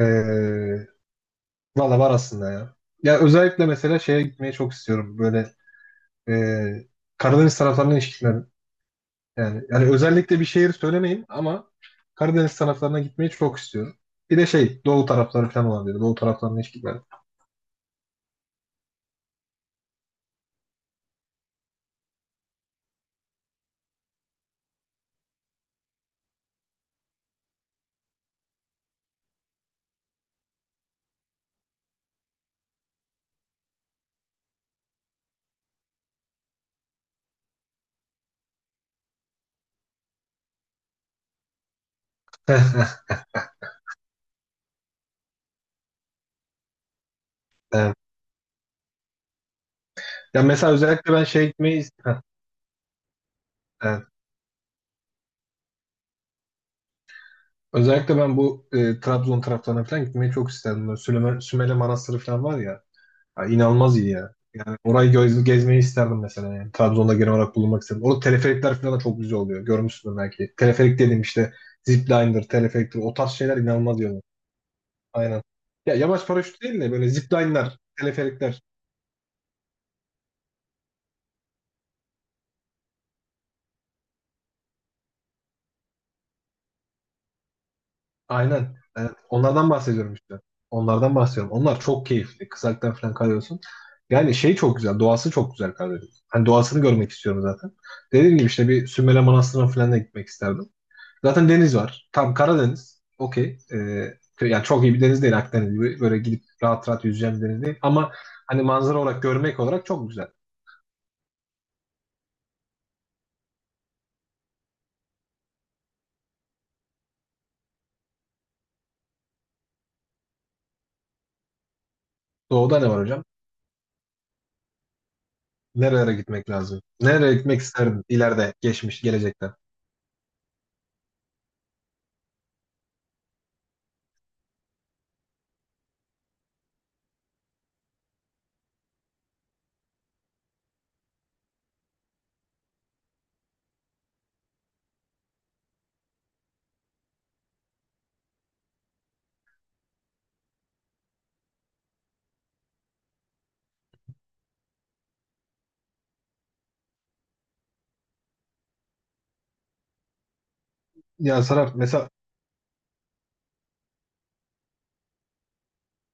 Ee, Valla var aslında ya. Ya özellikle mesela şeye gitmeyi çok istiyorum. Böyle ee, Karadeniz taraflarına ilişkiler. Yani özellikle bir şehir söylemeyin ama Karadeniz taraflarına gitmeyi çok istiyorum. Bir de şey Doğu tarafları falan olan dedi. Doğu taraflarına ilişkiler. Evet. Ya mesela özellikle ben evet. Özellikle ben bu Trabzon taraflarına falan gitmeyi çok isterdim. Böyle Sümele Manastırı falan var ya. Ya inanılmaz iyi ya. Yani orayı gezmeyi isterdim mesela yani. Trabzon'da genel olarak bulunmak isterdim. Orada teleferikler falan da çok güzel oluyor. Görmüşsündür belki. Teleferik dedim işte zipliner, teleferiktir o tarz şeyler inanılmaz yani. Aynen. Ya yamaç paraşütü değil de böyle zipliner, teleferikler. Aynen. Evet, onlardan bahsediyorum işte. Onlardan bahsediyorum. Onlar çok keyifli. Kızaktan falan kalıyorsun. Yani şey çok güzel. Doğası çok güzel Karadeniz. Hani doğasını görmek istiyorum zaten. Dediğim gibi işte bir Sümele Manastırı'na falan da gitmek isterdim. Zaten deniz var. Tam Karadeniz. Okey. Ee, Yani çok iyi bir deniz değil Akdeniz gibi. Böyle gidip rahat rahat yüzeceğim bir deniz değil. Ama hani manzara olarak görmek olarak çok güzel. Doğuda ne var hocam? Nerelere gitmek lazım? Nereye gitmek isterdim ileride, geçmiş, gelecekte? Ya Serap mesela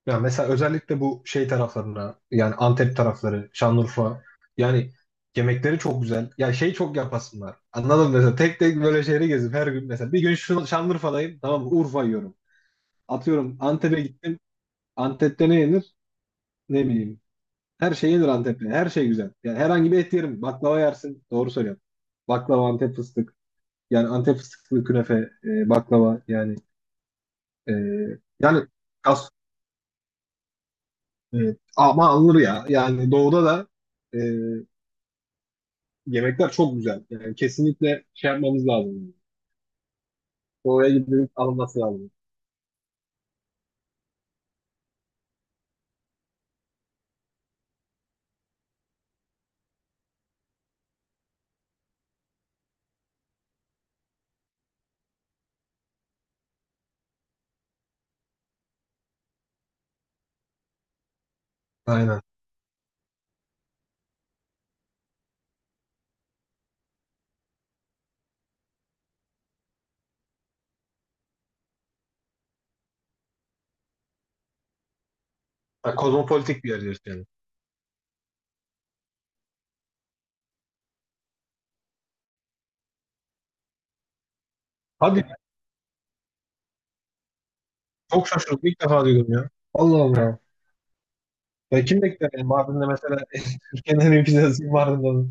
ya mesela özellikle bu şey taraflarına yani Antep tarafları, Şanlıurfa yani yemekleri çok güzel. Ya şey çok yapasınlar. Anladın mı? Mesela tek tek böyle şehri gezip her gün mesela bir gün şu Şanlıurfa'dayım tamam mı? Urfa yiyorum. Atıyorum Antep'e gittim. Antep'te ne yenir? Ne bileyim. Her şey yenir Antep'te. Her şey güzel. Yani herhangi bir et yerim. Baklava yersin. Doğru söylüyorum. Baklava, Antep fıstık. Yani Antep fıstıklı künefe, baklava yani e, yani kas, e, ama alınır ya. Yani doğuda da e, yemekler çok güzel. Yani kesinlikle şey yapmamız lazım. Oraya gidip alınması lazım. Aynen. Ha, kozmopolitik bir yer diyorsun yani. Hadi çok şaşırdım. İlk defa duydum ya. Allah Allah. Ya kim bekler yani Mardin'de mesela Türkiye'nin en iyi pizzası Mardin'de.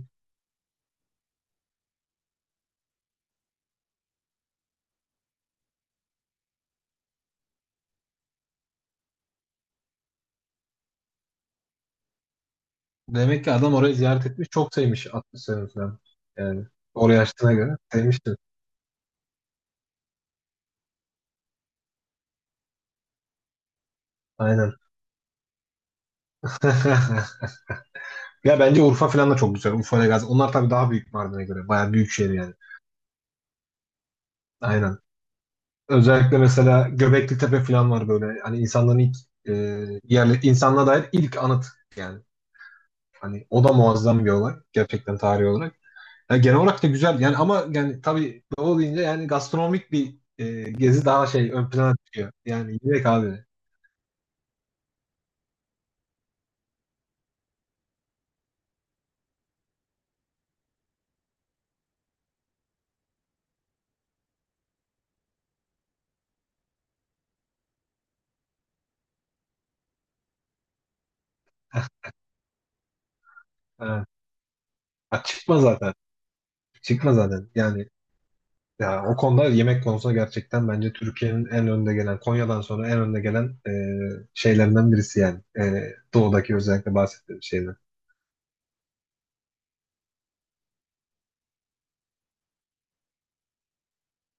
Demek ki adam orayı ziyaret etmiş. Çok sevmiş 60 sene falan. Yani oraya açtığına göre sevmiştir. Aynen. Ya bence Urfa falan da çok güzel. Urfa ile Gazi. Onlar tabii daha büyük Mardin'e göre. Bayağı büyük şehir yani. Aynen. Özellikle mesela Göbeklitepe Tepe falan var böyle. Hani insanların ilk e, yerli insanlığa dair ilk anıt yani. Hani o da muazzam bir olay gerçekten tarihi olarak. Yani genel olarak da güzel yani ama yani tabii doğu deyince yani gastronomik bir gezi daha şey ön plana çıkıyor. Yani yemek abi. Ha. Ha, çıkma zaten. Çıkma zaten. Yani ya o konuda yemek konusunda gerçekten bence Türkiye'nin en önde gelen Konya'dan sonra en önde gelen şeylerinden birisi yani. E, doğudaki özellikle bahsettiğim şeyler.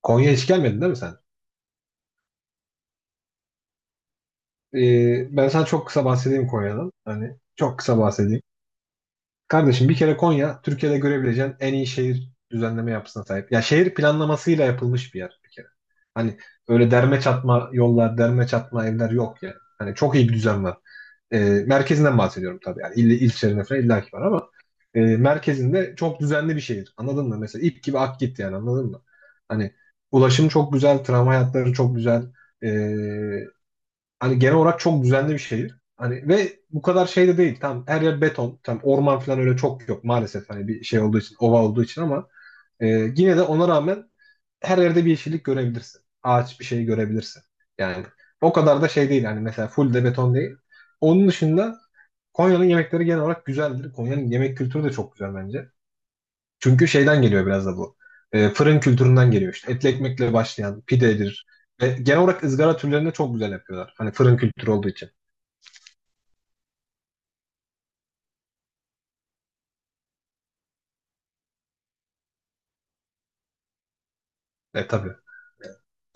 Konya'ya hiç gelmedin değil mi sen? Ben sana çok kısa bahsedeyim Konya'dan. Hani çok kısa bahsedeyim. Kardeşim bir kere Konya Türkiye'de görebileceğin en iyi şehir düzenleme yapısına sahip. Ya şehir planlamasıyla yapılmış bir yer bir kere. Hani öyle derme çatma yollar, derme çatma evler yok yani. Hani çok iyi bir düzen var. Ee, Merkezinden bahsediyorum tabii. Yani ilçelerine falan illaki var ama merkezinde çok düzenli bir şehir. Anladın mı? Mesela ip gibi ak git yani anladın mı? Hani ulaşım çok güzel, tramvay hatları çok güzel. E, hani genel olarak çok düzenli bir şehir. Hani ve bu kadar şey de değil. Tam her yer beton. Tam orman falan öyle çok yok maalesef. Hani bir şey olduğu için, ova olduğu için ama yine de ona rağmen her yerde bir yeşillik görebilirsin. Ağaç bir şey görebilirsin. Yani o kadar da şey değil. Hani mesela full de beton değil. Onun dışında Konya'nın yemekleri genel olarak güzeldir. Konya'nın yemek kültürü de çok güzel bence. Çünkü şeyden geliyor biraz da bu. E, fırın kültüründen geliyor işte. Etli ekmekle başlayan pidedir. Ve genel olarak ızgara türlerini de çok güzel yapıyorlar. Hani fırın kültürü olduğu için. E tabii.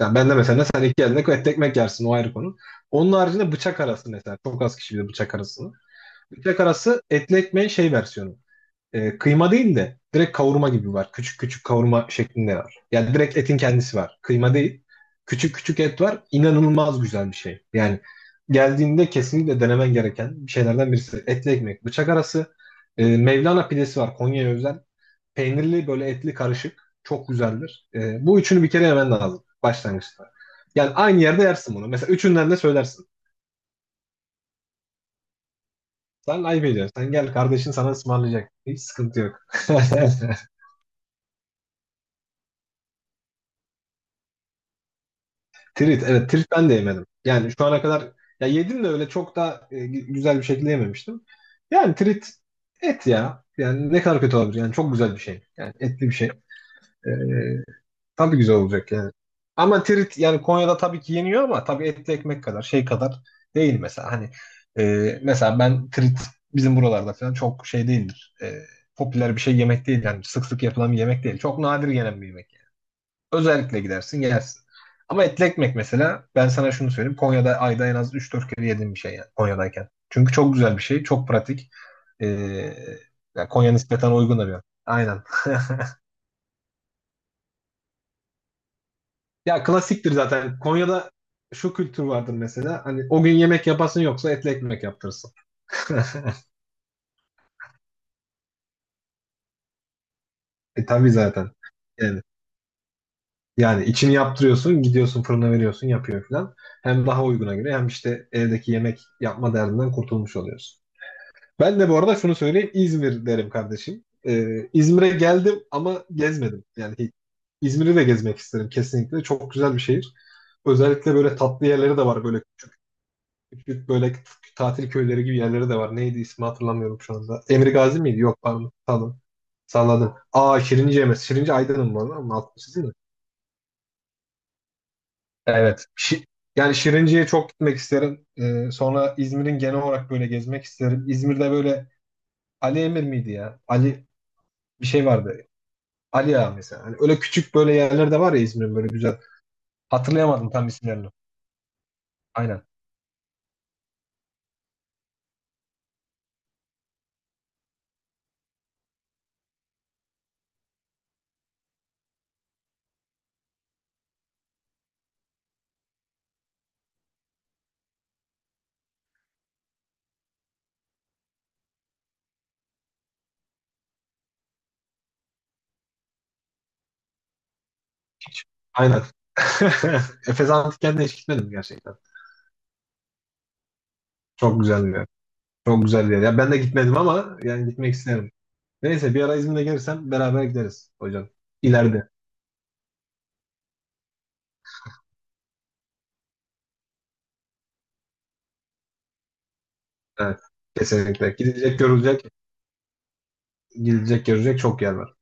Yani ben de mesela sen iki elinde et ekmek yersin o ayrı konu. Onun haricinde bıçak arası mesela. Çok az kişi bilir bıçak arasını. Bıçak arası etli ekmeğin şey versiyonu. E, kıyma değil de direkt kavurma gibi var. Küçük küçük kavurma şeklinde var. Yani direkt etin kendisi var. Kıyma değil. Küçük küçük et var. İnanılmaz güzel bir şey. Yani geldiğinde kesinlikle denemen gereken şeylerden birisi. Etli ekmek, bıçak arası. E, Mevlana pidesi var. Konya'ya özel. Peynirli böyle etli karışık. Çok güzeldir. Bu üçünü bir kere yemen lazım başlangıçta. Yani aynı yerde yersin bunu. Mesela üçünden de söylersin. Sen ayıp ediyorsun. Sen gel kardeşin sana ısmarlayacak. Hiç sıkıntı yok. Trit. Evet trit ben de yemedim. Yani şu ana kadar ya yedim de öyle çok da güzel bir şekilde yememiştim. Yani trit et ya. Yani ne kadar kötü olabilir. Yani çok güzel bir şey. Yani etli bir şey. Ee, Tabii güzel olacak yani. Ama Tirit yani Konya'da tabii ki yeniyor ama tabii etli ekmek kadar şey kadar değil mesela. Hani mesela ben Tirit bizim buralarda falan çok şey değildir. E, popüler bir şey yemek değil yani sık sık yapılan bir yemek değil. Çok nadir yenen bir yemek. Özellikle gidersin yersin. Ama etli ekmek mesela ben sana şunu söyleyeyim. Konya'da ayda en az üç dört kere yediğim bir şey yani Konya'dayken. Çünkü çok güzel bir şey, çok pratik. E, yani Konya nispeten uygun da bir yer. Aynen. Ya klasiktir zaten. Konya'da şu kültür vardır mesela. Hani o gün yemek yapasın yoksa etli ekmek yaptırırsın. E tabii zaten. Yani, yani içini yaptırıyorsun, gidiyorsun fırına veriyorsun, yapıyor falan. Hem daha uyguna göre hem işte evdeki yemek yapma derdinden kurtulmuş oluyorsun. Ben de bu arada şunu söyleyeyim. İzmir derim kardeşim. İzmir'e geldim ama gezmedim. Yani hiç. İzmir'i de gezmek isterim kesinlikle. Çok güzel bir şehir. Özellikle böyle tatlı yerleri de var böyle küçük böyle tatil köyleri gibi yerleri de var. Neydi ismi hatırlamıyorum şu anda. Emir Gazi miydi? Yok pardon. Pardon. Salladım. Aa Şirince mi? Şirince Aydın'ın mı? Ama 60 değil mi? Evet. Yani Şirince'ye çok gitmek isterim. Sonra İzmir'in genel olarak böyle gezmek isterim. İzmir'de böyle Ali Emir miydi ya? Ali bir şey vardı. Ali Ağa mesela. Hani öyle küçük böyle yerler de var ya İzmir'in böyle güzel. Hatırlayamadım tam isimlerini. Aynen. Aynen. Efes Antik Kent'e hiç gitmedim gerçekten. Çok güzel bir yer. Çok güzel bir yer. Ya ben de gitmedim ama yani gitmek isterim. Neyse bir ara İzmir'e gelirsem beraber gideriz hocam. İleride. Evet. Kesinlikle. Gidilecek görülecek, gidilecek görecek çok yer var.